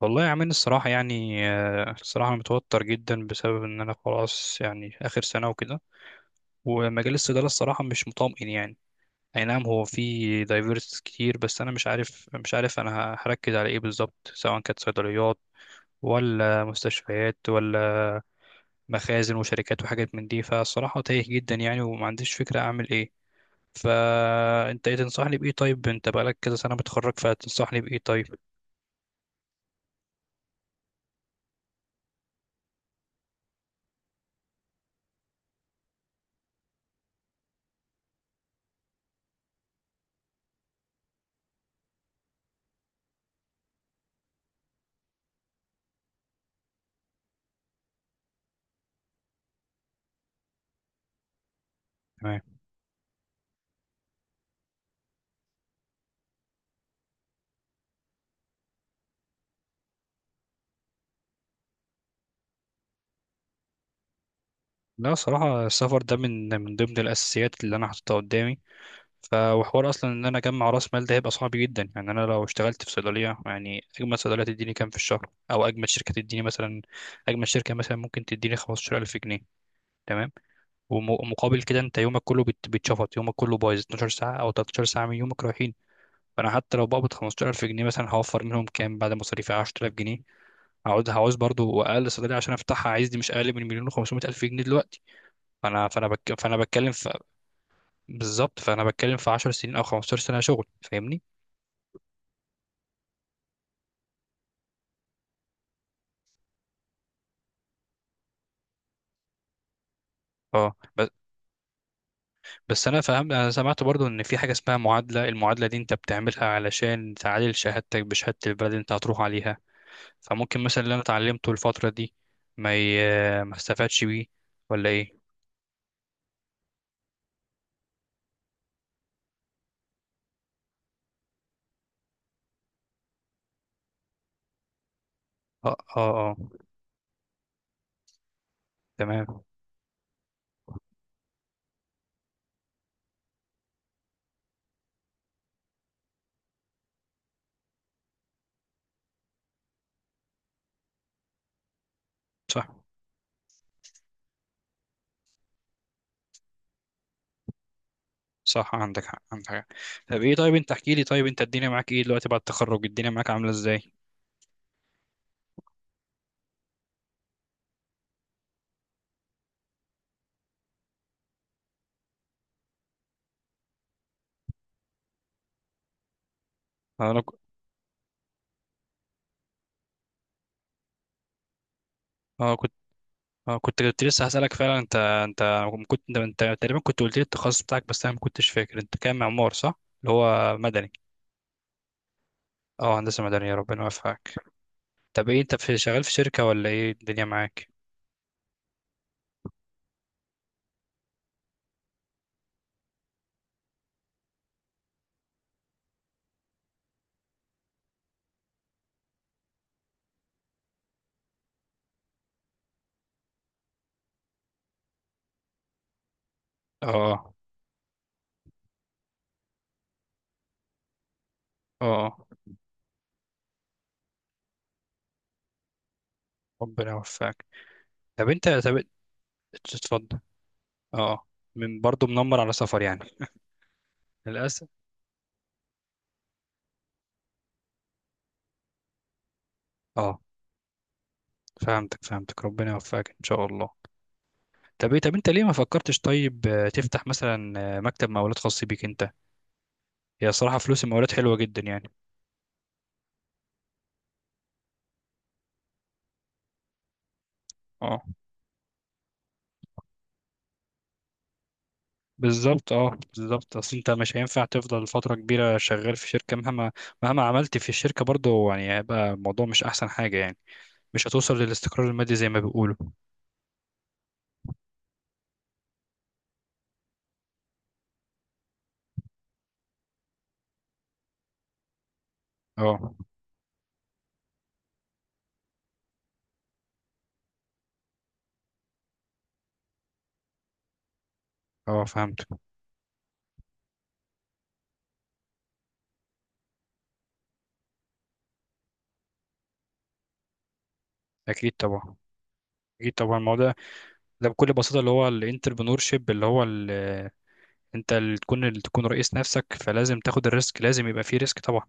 والله يا عمين، الصراحة يعني الصراحة أنا متوتر جدا بسبب إن أنا خلاص يعني آخر سنة وكده. ومجال الصيدلة الصراحة مش مطمئن يعني. أي نعم، هو في دايفيرس كتير، بس أنا مش عارف أنا هركز على إيه بالظبط، سواء كانت صيدليات ولا مستشفيات ولا مخازن وشركات وحاجات من دي. فالصراحة تايه جدا يعني، ومعنديش فكرة أعمل إيه. فأنت إيه تنصحني بإيه؟ طيب، أنت بقالك كذا سنة متخرج، فتنصحني بإيه طيب؟ لا صراحة، السفر ده من ضمن الأساسيات اللي أنا حاططها قدامي. وحوار أصلا إن أنا أجمع رأس مال ده هيبقى صعب جدا يعني، أنا لو اشتغلت في صيدلية، يعني أجمل صيدلية تديني كام في الشهر؟ أو أجمل شركة تديني مثلا، أجمل شركة مثلا ممكن تديني 15000 جنيه. تمام. ومقابل كده أنت يومك كله بيتشفط، يومك كله بايظ، 12 ساعة أو 13 ساعة من يومك رايحين. فأنا حتى لو بقبض 15000 جنيه مثلا، هوفر منهم كام بعد مصاريفي؟ 10000 جنيه. هقعد هعوز برضو، أقل صيدلية عشان أفتحها عايز، دي مش أقل من مليون و500 ألف جنيه دلوقتي. فانا فانا بك... فانا بتكلم في... بالظبط، فانا بتكلم في 10 سنين او 15 سنه شغل، فاهمني. اه، بس. بس انا فاهم، انا سمعت برضو ان في حاجه اسمها معادله، المعادله دي انت بتعملها علشان تعادل شهادتك بشهاده البلد اللي انت هتروح عليها. فممكن مثلا اللي انا اتعلمته الفتره دي، ما ي... ما استفادش بيه، ولا ايه؟ اه، اه، اه. تمام. صح، صح، عندك حق، عندك حق. طب ايه؟ طيب انت احكي لي طيب، انت الدنيا معاك ايه دلوقتي بعد التخرج؟ الدنيا معاك عامله ازاي؟ انا ك- اه، اه، كنت لسه هسألك فعلا، انت تقريبا كنت قلت لي التخصص بتاعك، بس انا ما كنتش فاكر انت كام، معمار صح، اللي هو مدني. اه، هندسة مدنية، ربنا يوفقك. طب ايه؟ انت في شغال في شركة ولا ايه الدنيا معاك؟ اه، اه، اه، ربنا يوفقك. طب انت طب اتفضل. اه، من برضه منمر على سفر يعني، للأسف. اه، فهمتك، ربنا يوفقك ان شاء الله. طب، انت ليه ما فكرتش طيب تفتح مثلا مكتب مقاولات خاص بيك انت؟ هي صراحة، فلوس المقاولات حلوة جدا يعني. اه، بالظبط، اه، بالظبط، اصل انت مش هينفع تفضل فتره كبيره شغال في شركه، مهما عملت في الشركه برضه يعني، هيبقى الموضوع مش احسن حاجه يعني. مش هتوصل للاستقرار المادي زي ما بيقولوا. اه، اه، فهمت. اكيد طبعا اكيد طبعا، الموضوع ده بكل بساطه اللي هو الانتربرنور شيب، انت اللي تكون رئيس نفسك، فلازم تاخد الريسك، لازم يبقى فيه ريسك طبعا.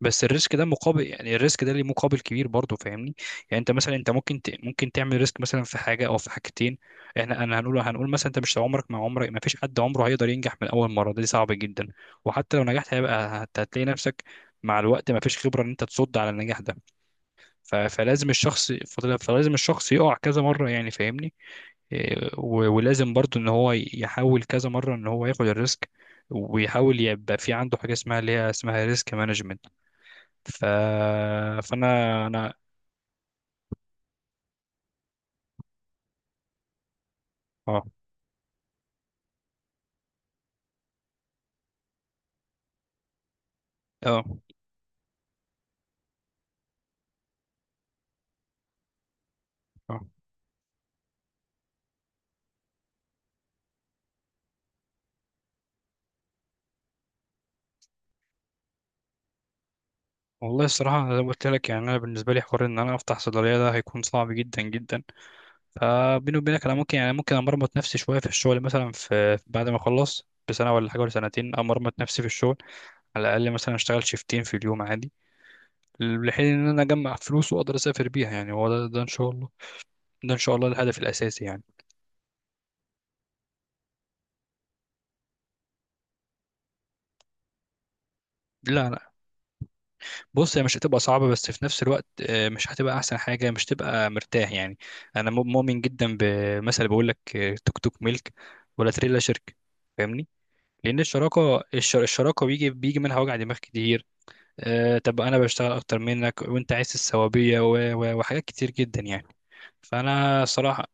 بس الريسك ده مقابل، يعني الريسك ده ليه مقابل كبير برضه، فاهمني. يعني انت مثلا، ممكن تعمل ريسك مثلا في حاجه او في حاجتين. انا هنقول مثلا، انت مش عمرك ما فيش حد عمره هيقدر ينجح من اول مره، ده صعب جدا. وحتى لو نجحت هيبقى هتلاقي نفسك، مع الوقت ما فيش خبره ان انت تصد على النجاح ده. فلازم الشخص يقع كذا مره يعني، فاهمني. إيه، ولازم برضه ان هو يحاول كذا مره ان هو ياخد الريسك، ويحاول يبقى في عنده حاجه اسمها اللي هي اسمها ريسك مانجمنت. ف... فانا انا اه، اه، اه. والله الصراحة زي ما قلت لك يعني، أنا بالنسبة لي حوار إن أنا أفتح صيدلية ده هيكون صعب جدا جدا. فبيني وبينك، أنا ممكن أمرمط نفسي شوية في الشغل، مثلا في بعد ما أخلص بسنة ولا حاجة ولا سنتين أمرمط نفسي في الشغل، على الأقل مثلا أشتغل شيفتين في اليوم عادي، لحين إن أنا أجمع فلوس وأقدر أسافر بيها يعني. هو ده إن شاء الله، ده إن شاء الله الهدف الأساسي يعني. لا، بص، هي مش هتبقى صعبة، بس في نفس الوقت مش هتبقى أحسن حاجة، مش تبقى مرتاح يعني. أنا مؤمن جدا بمثل بيقول لك توك توك ملك ولا تريلا شركة. فاهمني؟ لأن الشراكة بيجي منها وجع دماغ كتير. طب أنا بشتغل أكتر منك، وأنت عايز السوابية وحاجات كتير جدا يعني. فأنا صراحة.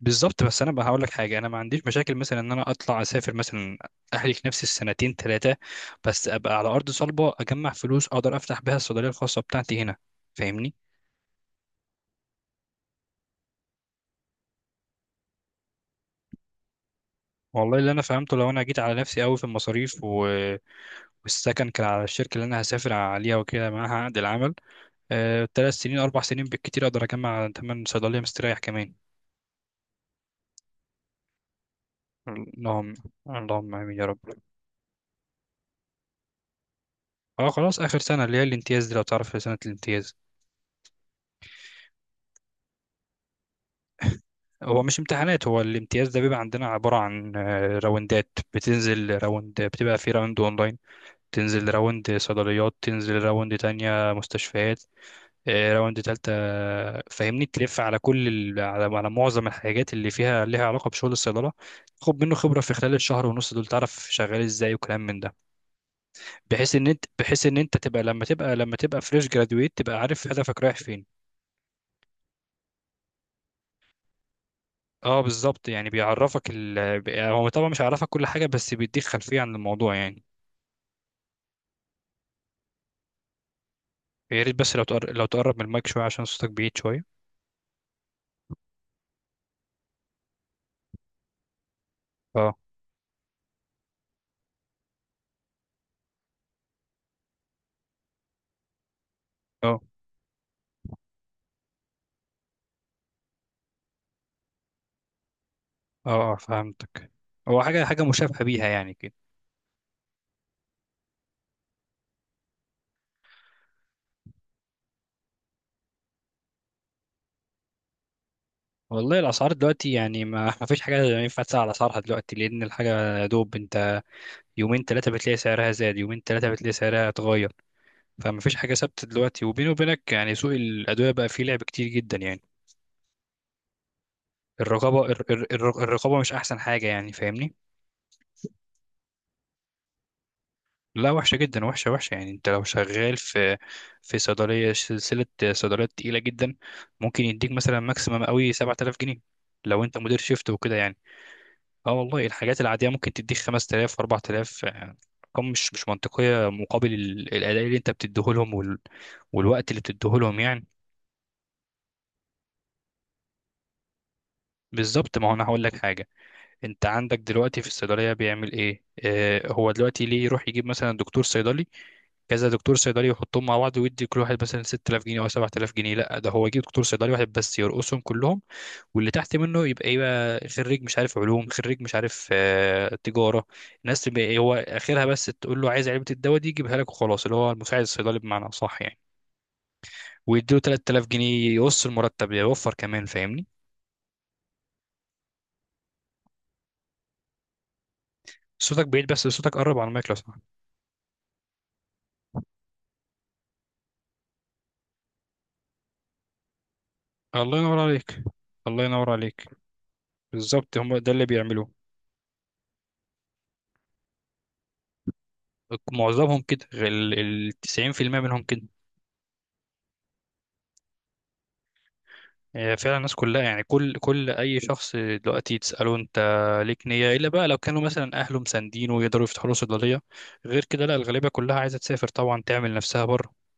بالظبط، بس انا بقى هقول لك حاجه، انا ما عنديش مشاكل مثلا ان انا اطلع اسافر مثلا، اهلك نفسي السنتين ثلاثه، بس ابقى على ارض صلبه، اجمع فلوس، اقدر افتح بيها الصيدليه الخاصه بتاعتي هنا، فاهمني. والله اللي انا فهمته، لو انا جيت على نفسي قوي في المصاريف، والسكن كان على الشركه اللي انا هسافر عليها وكده معاها عقد العمل، ثلاث سنين اربع سنين بالكتير اقدر اجمع ثمن صيدليه مستريح كمان. اللهم. اللهم امين يا رب. اه، خلاص، اخر سنه اللي هي الامتياز دي لو تعرف، سنه الامتياز. هو مش امتحانات، هو الامتياز ده بيبقى عندنا عبارة عن راوندات، بتنزل راوند، بتبقى في راوند اونلاين، تنزل راوند صيدليات، تنزل راوند تانية مستشفيات، راوند تالتة فاهمني، تلف على على معظم الحاجات اللي فيها ليها علاقة بشغل الصيدلة. خد منه خبرة في خلال الشهر ونص دول، تعرف شغال ازاي وكلام من ده. بحيث ان انت تبقى، لما تبقى فريش جرادويت، تبقى عارف هدفك رايح فين. اه، بالظبط، يعني بيعرفك هو طبعا مش هيعرفك كل حاجة، بس بيديك خلفية عن الموضوع يعني. يا ريت بس لو تقرب من المايك شوية، عشان صوتك بعيد شوية. اه، اه، اه، فهمتك. هو حاجة مشابهة بيها يعني كده. والله الأسعار دلوقتي يعني، ما ما فيش حاجة ينفع تسأل على أسعارها دلوقتي، لأن الحاجة يا دوب أنت يومين تلاتة بتلاقي سعرها زاد، يومين تلاتة بتلاقي سعرها اتغير. فما فيش حاجة ثابتة دلوقتي، وبيني وبينك يعني سوق الأدوية بقى فيه لعب كتير جدا يعني. الرقابة الر- الر- الر- الرقابة مش أحسن حاجة يعني، فاهمني. لا، وحشة جدا، وحشة وحشة يعني، انت لو شغال في صيدلية سلسلة، صيدليات تقيلة جدا، ممكن يديك مثلا ماكسيمم قوي 7000 جنيه لو انت مدير شيفت وكده يعني. اه والله، الحاجات العادية ممكن تديك 5000 و4000، ارقام مش منطقية مقابل الأداء اللي انت بتديهولهم، والوقت اللي بتديهولهم يعني. بالظبط، ما هو انا هقول لك حاجة، انت عندك دلوقتي في الصيدلية بيعمل ايه؟ اه، هو دلوقتي ليه يروح يجيب مثلا دكتور صيدلي، كذا دكتور صيدلي، يحطهم مع بعض ويدي كل واحد مثلا 6000 جنيه او 7000 جنيه؟ لا، ده هو يجيب دكتور صيدلي واحد بس، يرقصهم كلهم، واللي تحت منه يبقى خريج مش عارف علوم، خريج مش عارف تجاره، الناس تبقى إيه، هو اخرها بس تقول له عايز علبه الدواء دي يجيبها لك وخلاص، اللي هو المساعد الصيدلي بمعنى اصح يعني. ويديله 3000 جنيه، يقص المرتب ده، يوفر كمان، فاهمني. صوتك بعيد، بس صوتك قرب على المايك لو سمحت. الله ينور عليك. الله ينور عليك. بالظبط، هم ده اللي بيعملوه، معظمهم كده، 90% منهم كده. هي فعلا الناس كلها يعني، كل اي شخص دلوقتي تساله انت، ليك نيه الا بقى لو كانوا مثلا اهله مساندينه ويقدروا يفتحوا له صيدليه، غير كده لا، الغالبيه كلها عايزه تسافر طبعا، تعمل نفسها بره،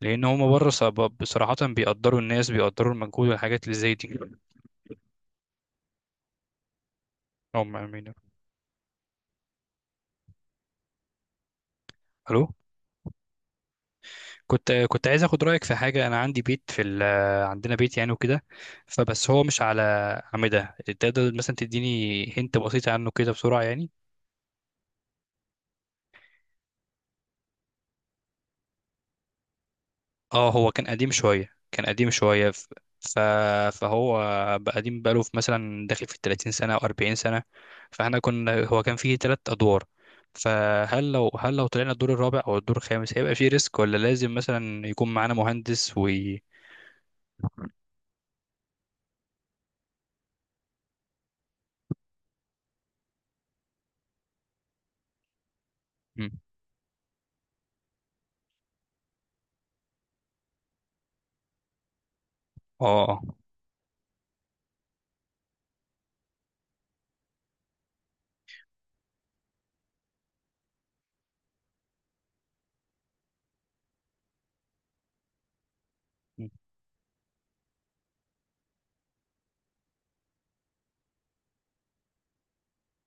لان هم بره بصراحه بيقدروا المجهود والحاجات اللي زي دي. هم، امين. الو. كنت عايز اخد رايك في حاجه، انا عندي بيت في عندنا بيت يعني وكده، فبس هو مش على عمده، تقدر مثلا تديني هنت بسيطه عنه كده بسرعه يعني؟ اه، هو كان قديم شوية، ف... فهو بقى قديم بقاله في مثلا، داخل في 30 سنة أو 40 سنة، فاحنا كنا، هو كان فيه ثلاث أدوار، فهل لو طلعنا الدور الرابع أو الدور الخامس، هيبقى فيه ريسك؟ ولا لازم مثلا يكون معانا مهندس وي... مم. اه. آه. مم.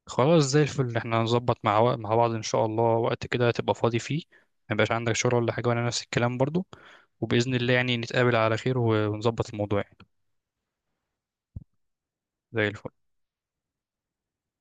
خلاص، زي الفل، احنا هنظبط مع مع بعض إن شاء الله، وقت كده تبقى فاضي فيه، ما يبقاش عندك شغل ولا حاجة، وأنا نفس الكلام برضو، وبإذن الله يعني نتقابل على خير ونظبط الموضوع يعني. زي الفل.